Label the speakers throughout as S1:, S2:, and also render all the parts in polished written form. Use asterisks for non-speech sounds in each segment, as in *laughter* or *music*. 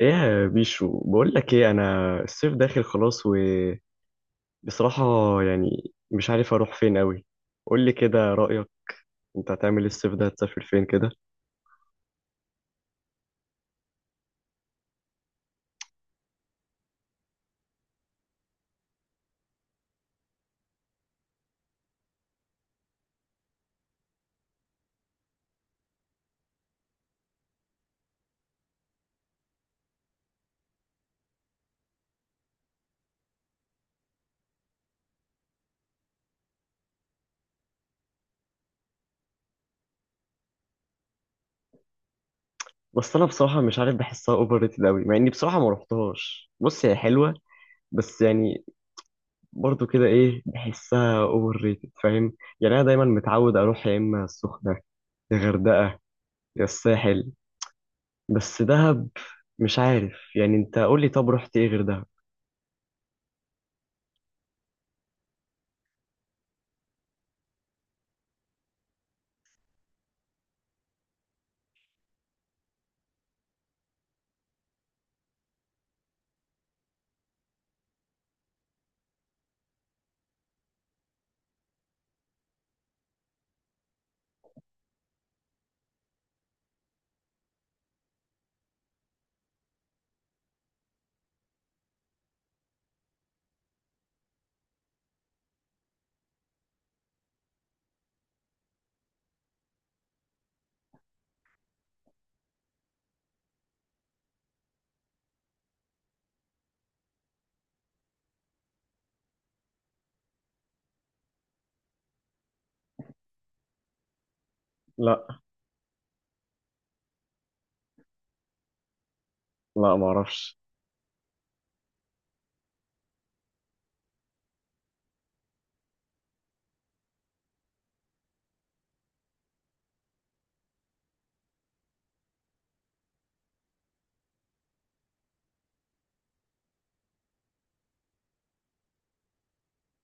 S1: ايه يا بيشو، بقول لك ايه. انا الصيف داخل خلاص، وبصراحة يعني مش عارف اروح فين قوي. قول لي كده رأيك، انت هتعمل ايه الصيف ده؟ هتسافر فين كده؟ بس انا بصراحة مش عارف، بحسها اوفر ريتد قوي، مع اني بصراحة ما رحتهاش. بص هي حلوة، بس يعني برضو كده ايه، بحسها اوفر ريتد، فاهم؟ يعني انا دايما متعود اروح يا اما السخنة، يا غردقة، يا الساحل. بس دهب مش عارف يعني. انت قول لي، طب رحت ايه غير دهب؟ لا، لا ما اعرفش.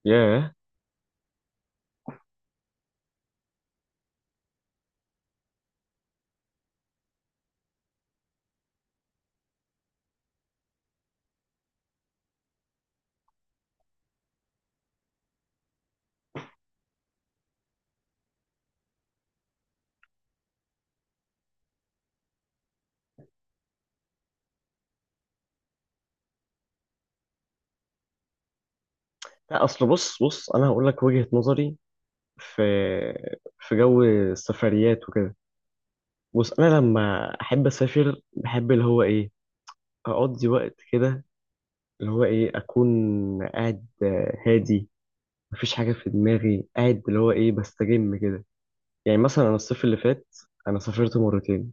S1: ياه. لا اصل بص بص، انا هقول لك وجهة نظري في في جو السفريات وكده. بص، انا لما احب اسافر بحب اللي هو ايه، اقضي وقت كده، اللي هو ايه، اكون قاعد هادي، مفيش حاجة في دماغي، قاعد اللي هو ايه بستجم كده. يعني مثلا انا الصيف اللي فات انا سافرت مرتين.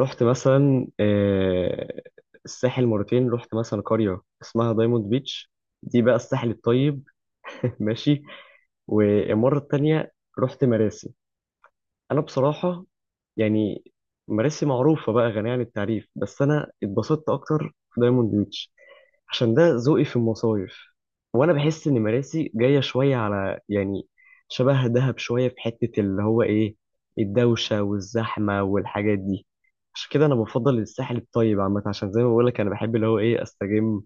S1: رحت مثلا الساحل مرتين، رحت مثلا قرية اسمها دايموند بيتش، دي بقى الساحل الطيب. *laughs* ماشي. والمرة التانية رحت مراسي. انا بصراحه يعني مراسي معروفه بقى، غنيه عن التعريف، بس انا اتبسطت اكتر في دايموند بيتش، عشان ده ذوقي في المصايف. وانا بحس ان مراسي جايه شويه على، يعني شبه دهب شويه، في حته اللي هو ايه الدوشه والزحمه والحاجات دي. عشان كده انا بفضل الساحل الطيب عامه، عشان زي ما بقول لك انا بحب اللي هو ايه استجم،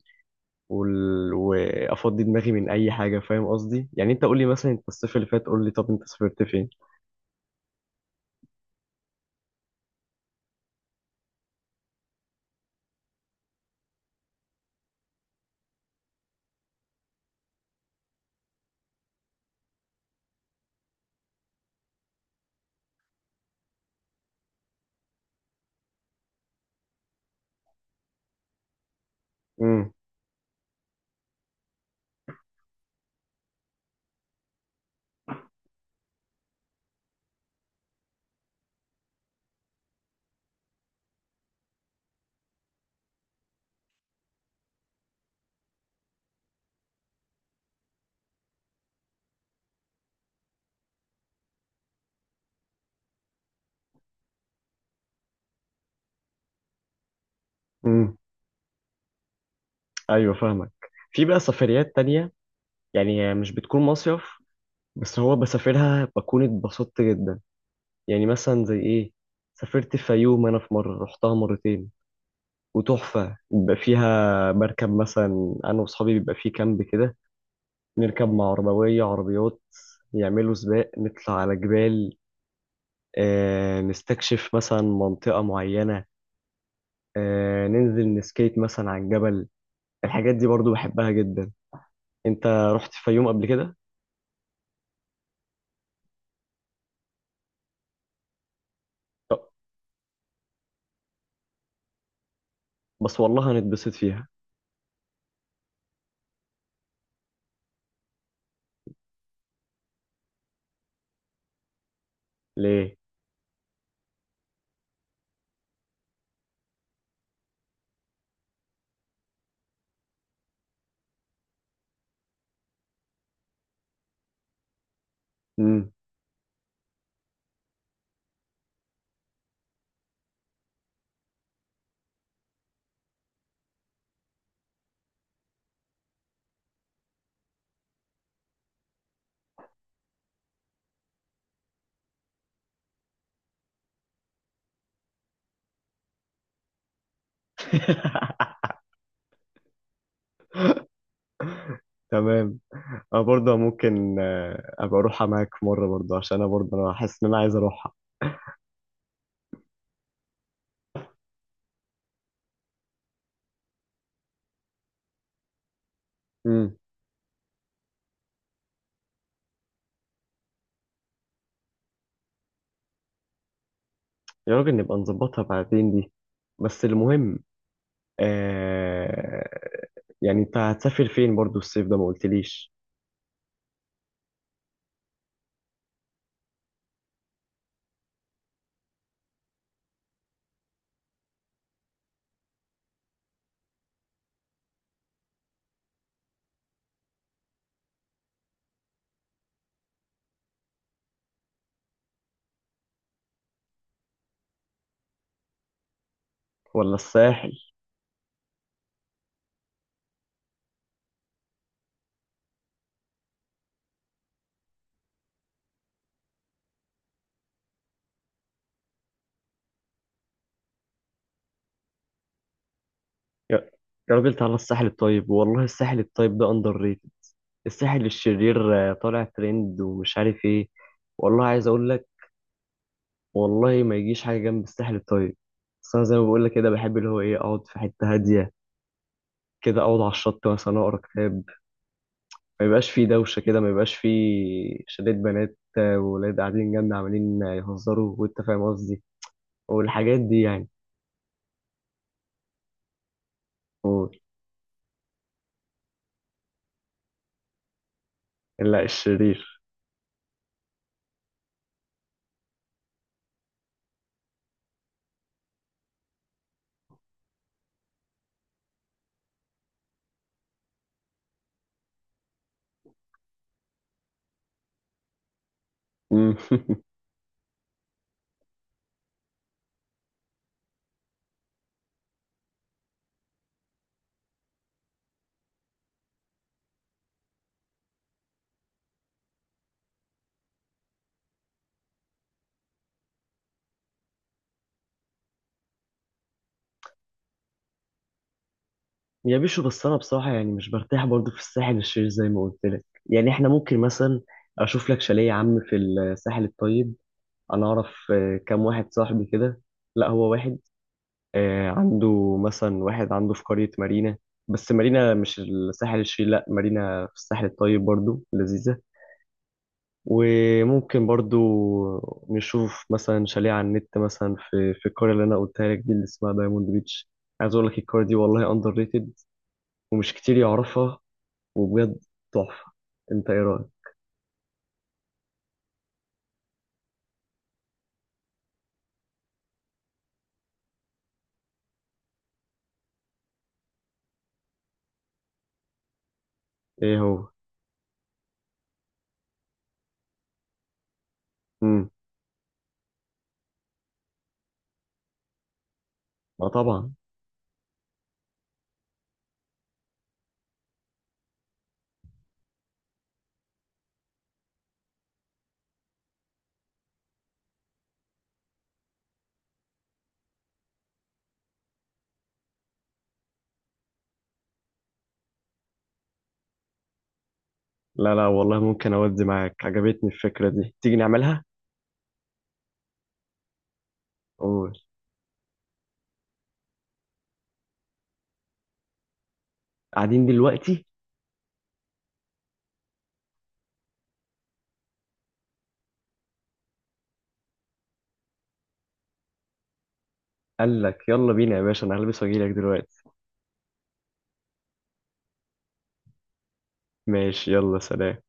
S1: وافضي دماغي من اي حاجه، فاهم قصدي؟ يعني انت قول لي مثلا، انت الصيف اللي فات قول لي، طب انت سافرت فين؟ امم. امم. ايوه فاهمك. في بقى سفريات تانية يعني مش بتكون مصيف، بس هو بسافرها بكون اتبسطت جدا. يعني مثلا زي ايه، سافرت الفيوم، انا في مرة رحتها مرتين، وتحفة. بيبقى فيها بركب مثلا انا واصحابي، بيبقى فيه كامب كده، نركب مع عربوية عربيات، يعملوا سباق، نطلع على جبال، آه نستكشف مثلا منطقة معينة، آه ننزل نسكيت مثلا على الجبل. الحاجات دي برضو بحبها جدا. انت رحت الفيوم قبل كده؟ بس والله هنتبسط فيها. ليه. امم. *laughs* تمام. انا برضه ممكن ابقى اروحها معاك مره برضه، عشان انا برضه انا حاسس ان انا عايز اروحها. امم. يا راجل نبقى نظبطها بعدين دي. بس المهم آه، يعني انت هتسافر فين برضه الصيف ده؟ ما قلتليش. ولا الساحل؟ يا يا راجل تعالى الساحل الطيب، والله الساحل الطيب ده اندر ريتد. الساحل الشرير طالع ترند ومش عارف ايه. والله عايز اقول لك، والله ما يجيش حاجه جنب الساحل الطيب. بس انا زي ما بقول لك كده بحب اللي هو ايه اقعد في حته هاديه كده، اقعد على الشط مثلا، اقرا كتاب، ما يبقاش فيه دوشه كده، ما يبقاش فيه شلة بنات وولاد قاعدين جنبنا عمالين يهزروا، وانت فاهم قصدي، والحاجات دي يعني. قول. لا الشرير. مم. *laughs* يا بيشو، بس انا بصراحه يعني مش برتاح برضو في الساحل الشرير زي ما قلت لك. يعني احنا ممكن مثلا اشوف لك شاليه يا عم في الساحل الطيب. انا اعرف كام واحد صاحبي كده. لا هو واحد عنده، مثلا واحد عنده في قرية مارينا. بس مارينا مش الساحل الشرير، لا مارينا في الساحل الطيب برضو لذيذة. وممكن برضو نشوف مثلا شاليه على النت، مثلا في القرية اللي أنا قلتها لك دي اللي اسمها دايموند بيتش. عايز أقول لك القرية دي والله أندر ريتد، ومش كتير يعرفها، وبجد تحفة. أنت إيه رأيك؟ إيه هو؟ مم. ما طبعا. لا، لا والله ممكن أودي معاك، عجبتني الفكرة دي. تيجي نعملها؟ قول. قاعدين دلوقتي؟ قال لك يلا بينا يا باشا، انا هلبس واجيلك دلوقتي. ماشي يلا سلام.